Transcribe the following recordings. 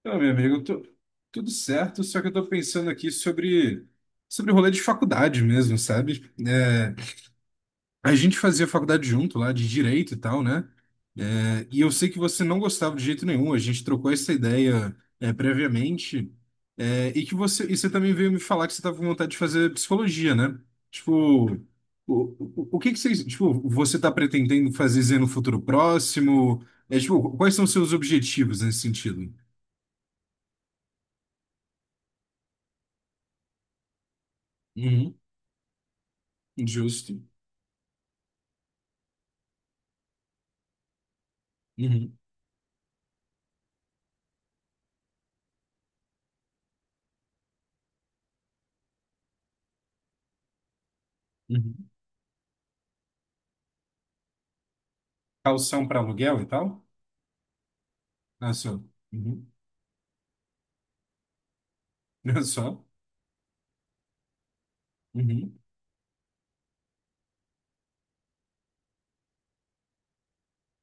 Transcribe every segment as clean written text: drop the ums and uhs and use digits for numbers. Então, meu amigo, tudo certo, só que eu tô pensando aqui sobre o rolê de faculdade mesmo, sabe? É, a gente fazia faculdade junto lá, de direito e tal, né? É, e eu sei que você não gostava de jeito nenhum, a gente trocou essa ideia, é, previamente, é, e você também veio me falar que você tava com vontade de fazer psicologia, né? Tipo, O que que você, tipo, você tá pretendendo fazer no futuro próximo? É, tipo, quais são os seus objetivos nesse sentido? Justo. Uhum, uhum. Calção para aluguel e tal? Ah, só. Uhum. Ah, só. Uhum,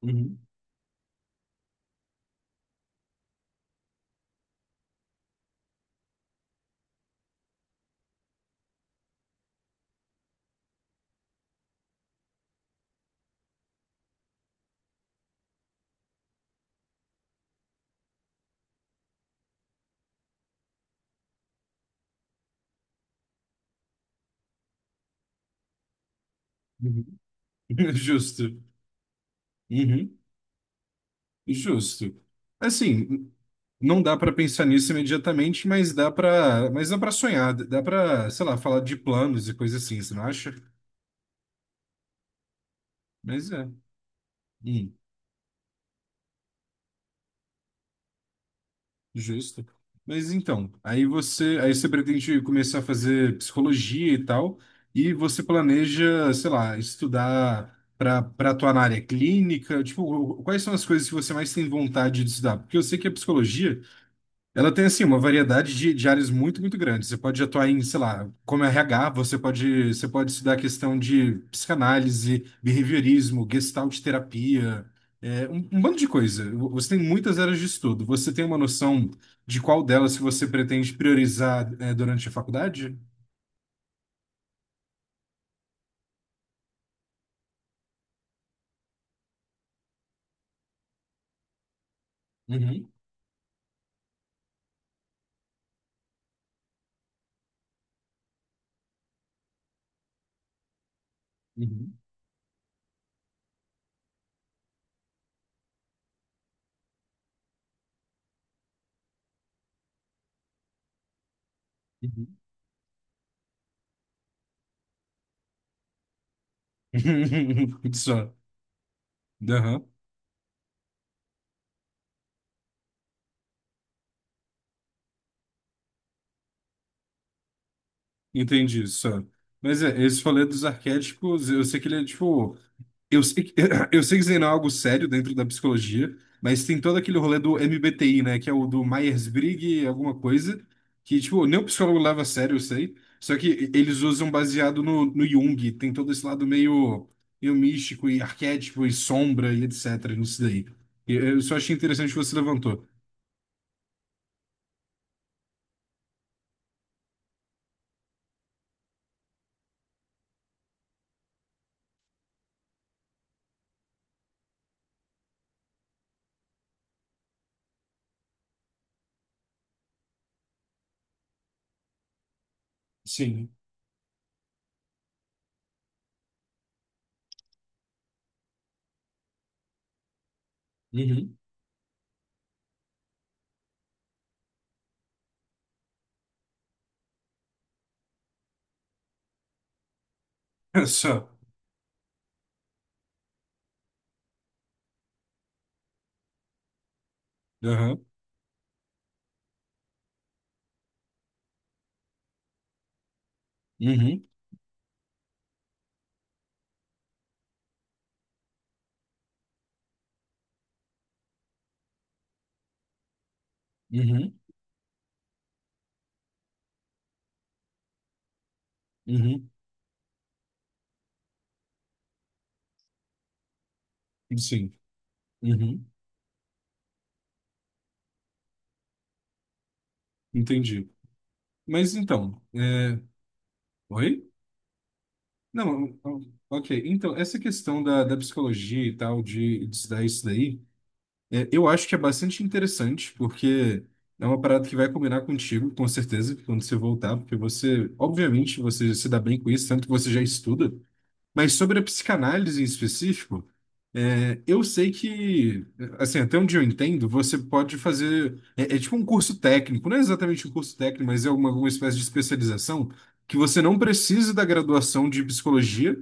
uhum, uhum. Justo. Uhum. Justo. Assim, não dá para pensar nisso imediatamente, mas dá para sonhar, dá para, sei lá, falar de planos e coisas assim, você não acha? Mas é. Hum. Justo. Mas então, aí você pretende começar a fazer psicologia e tal, e você planeja, sei lá, estudar para atuar na área clínica, tipo, quais são as coisas que você mais tem vontade de estudar? Porque eu sei que a psicologia, ela tem, assim, uma variedade de áreas muito, muito grande. Você pode atuar em, sei lá, como RH, você pode estudar a questão de psicanálise, behaviorismo, gestalt terapia, é, um bando de coisa. Você tem muitas áreas de estudo. Você tem uma noção de qual delas que você pretende priorizar, é, durante a faculdade? Uhum, uhum, uhum. Só. Aham. Entendi, só. Mas é, esse falei dos arquétipos, eu sei que ele é, tipo, eu sei que, eu sei que isso aí não é algo sério dentro da psicologia, mas tem todo aquele rolê do MBTI, né? Que é o do Myers-Briggs, alguma coisa, que, tipo, nem o psicólogo leva a sério, eu sei. Só que eles usam baseado no Jung, tem todo esse lado meio, meio místico e arquétipo e sombra e etc. nisso daí. E eu só achei interessante que você levantou. Sim. Uhum. Só. Aham. Uhum. Uhum. Uhum. Sim. Uhum. Entendi. Mas então. É... Oi? Não, então, ok. Então, essa questão da psicologia e tal, de estudar isso daí, é, eu acho que é bastante interessante, porque é uma parada que vai combinar contigo, com certeza, quando você voltar, porque você, obviamente, você se dá bem com isso, tanto que você já estuda. Mas sobre a psicanálise em específico, é, eu sei que, assim, até onde eu entendo, você pode fazer. É, é tipo um curso técnico, não é exatamente um curso técnico, mas é uma espécie de especialização que você não precisa da graduação de psicologia,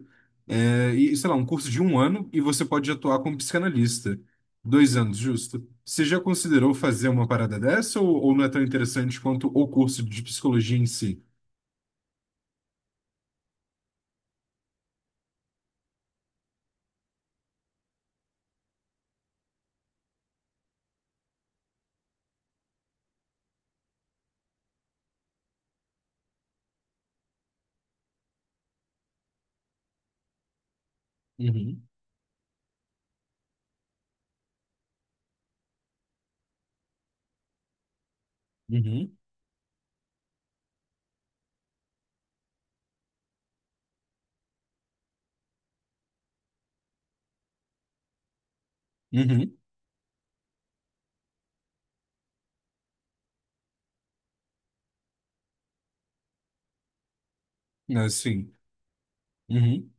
é, e, sei lá, um curso de um ano, e você pode atuar como psicanalista. Dois anos, justo. Você já considerou fazer uma parada dessa ou não é tão interessante quanto o curso de psicologia em si? Uhum, uhum, uhum. Assim. Uhum,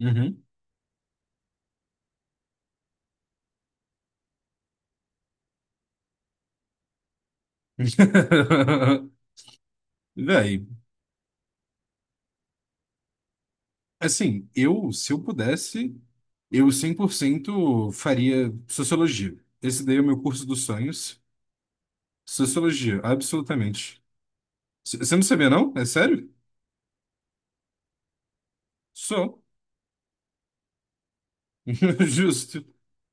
uhum. Véi, assim, eu, se eu pudesse, eu 100% faria sociologia. Esse daí é o meu curso dos sonhos. Sociologia, absolutamente. C- Você não sabia, não? É sério? Só. Justo.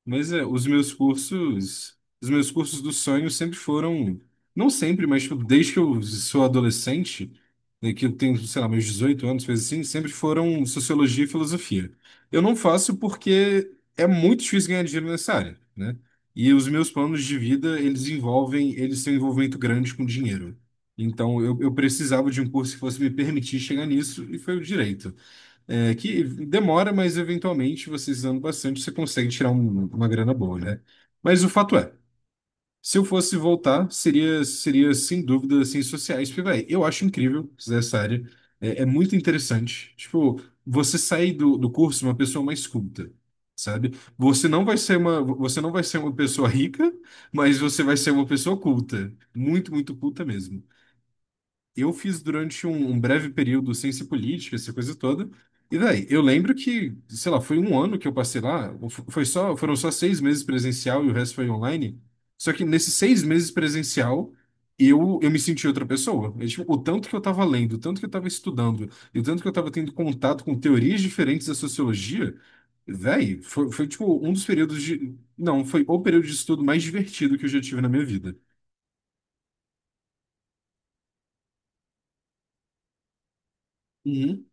Mas é, os meus cursos do sonho sempre foram, não sempre, mas tipo, desde que eu sou adolescente, né, que eu tenho, sei lá, meus 18 anos, coisa assim, sempre foram sociologia e filosofia. Eu não faço porque é muito difícil ganhar dinheiro nessa área, né? E os meus planos de vida, eles envolvem, eles têm um envolvimento grande com dinheiro. Então, eu precisava de um curso que fosse me permitir chegar nisso, e foi o direito. É, que demora, mas eventualmente, você usando bastante, você consegue tirar uma grana boa, né? Mas o fato é, se eu fosse voltar, seria sem dúvida ciências sociais, porque, véi, eu acho incrível essa área, é, é muito interessante. Tipo, você sair do, do curso uma pessoa mais culta, sabe? Você não vai ser uma pessoa rica, mas você vai ser uma pessoa culta, muito, muito culta mesmo eu fiz durante um, um breve período ciência política, essa coisa toda. E daí, eu lembro que, sei lá, foi um ano que eu passei lá, ou foram só 6 meses presencial e o resto foi online. Só que nesses 6 meses presencial, eu me senti outra pessoa. É, tipo, o tanto que eu estava lendo, o tanto que eu estava estudando, e o tanto que eu estava tendo contato com teorias diferentes da sociologia, véi, foi, foi tipo um dos períodos de. Não, foi o período de estudo mais divertido que eu já tive na minha vida. Uhum.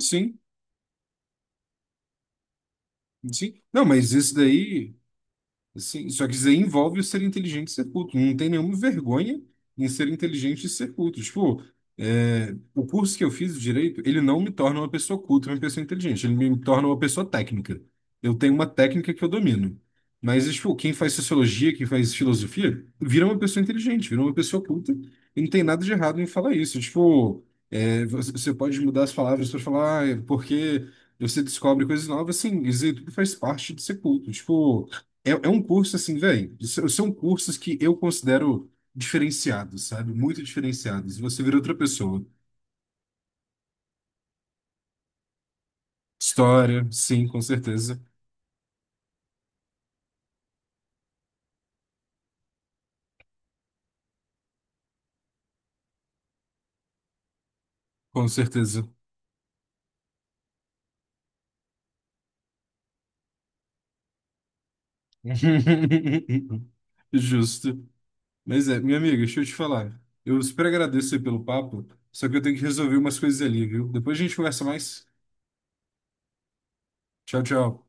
Sim, sim. Não, mas isso daí. Sim, só que isso aí envolve o ser inteligente e ser culto. Não tem nenhuma vergonha em ser inteligente e ser culto. Tipo, é, o curso que eu fiz de direito, ele não me torna uma pessoa culta, uma pessoa inteligente. Ele me torna uma pessoa técnica. Eu tenho uma técnica que eu domino. Mas, tipo, quem faz sociologia, quem faz filosofia, vira uma pessoa inteligente, vira uma pessoa culta. E não tem nada de errado em falar isso. Tipo, é, você pode mudar as palavras para falar, ah, é porque você descobre coisas novas. Assim isso aí tudo faz parte de ser culto. Tipo, é, é um curso assim, velho. São cursos que eu considero diferenciados, sabe? Muito diferenciados. Você vira outra pessoa. História, sim, com certeza. Com certeza. Justo. Mas é, minha amiga, deixa eu te falar. Eu super agradeço aí pelo papo, só que eu tenho que resolver umas coisas ali, viu? Depois a gente conversa mais. Tchau, tchau.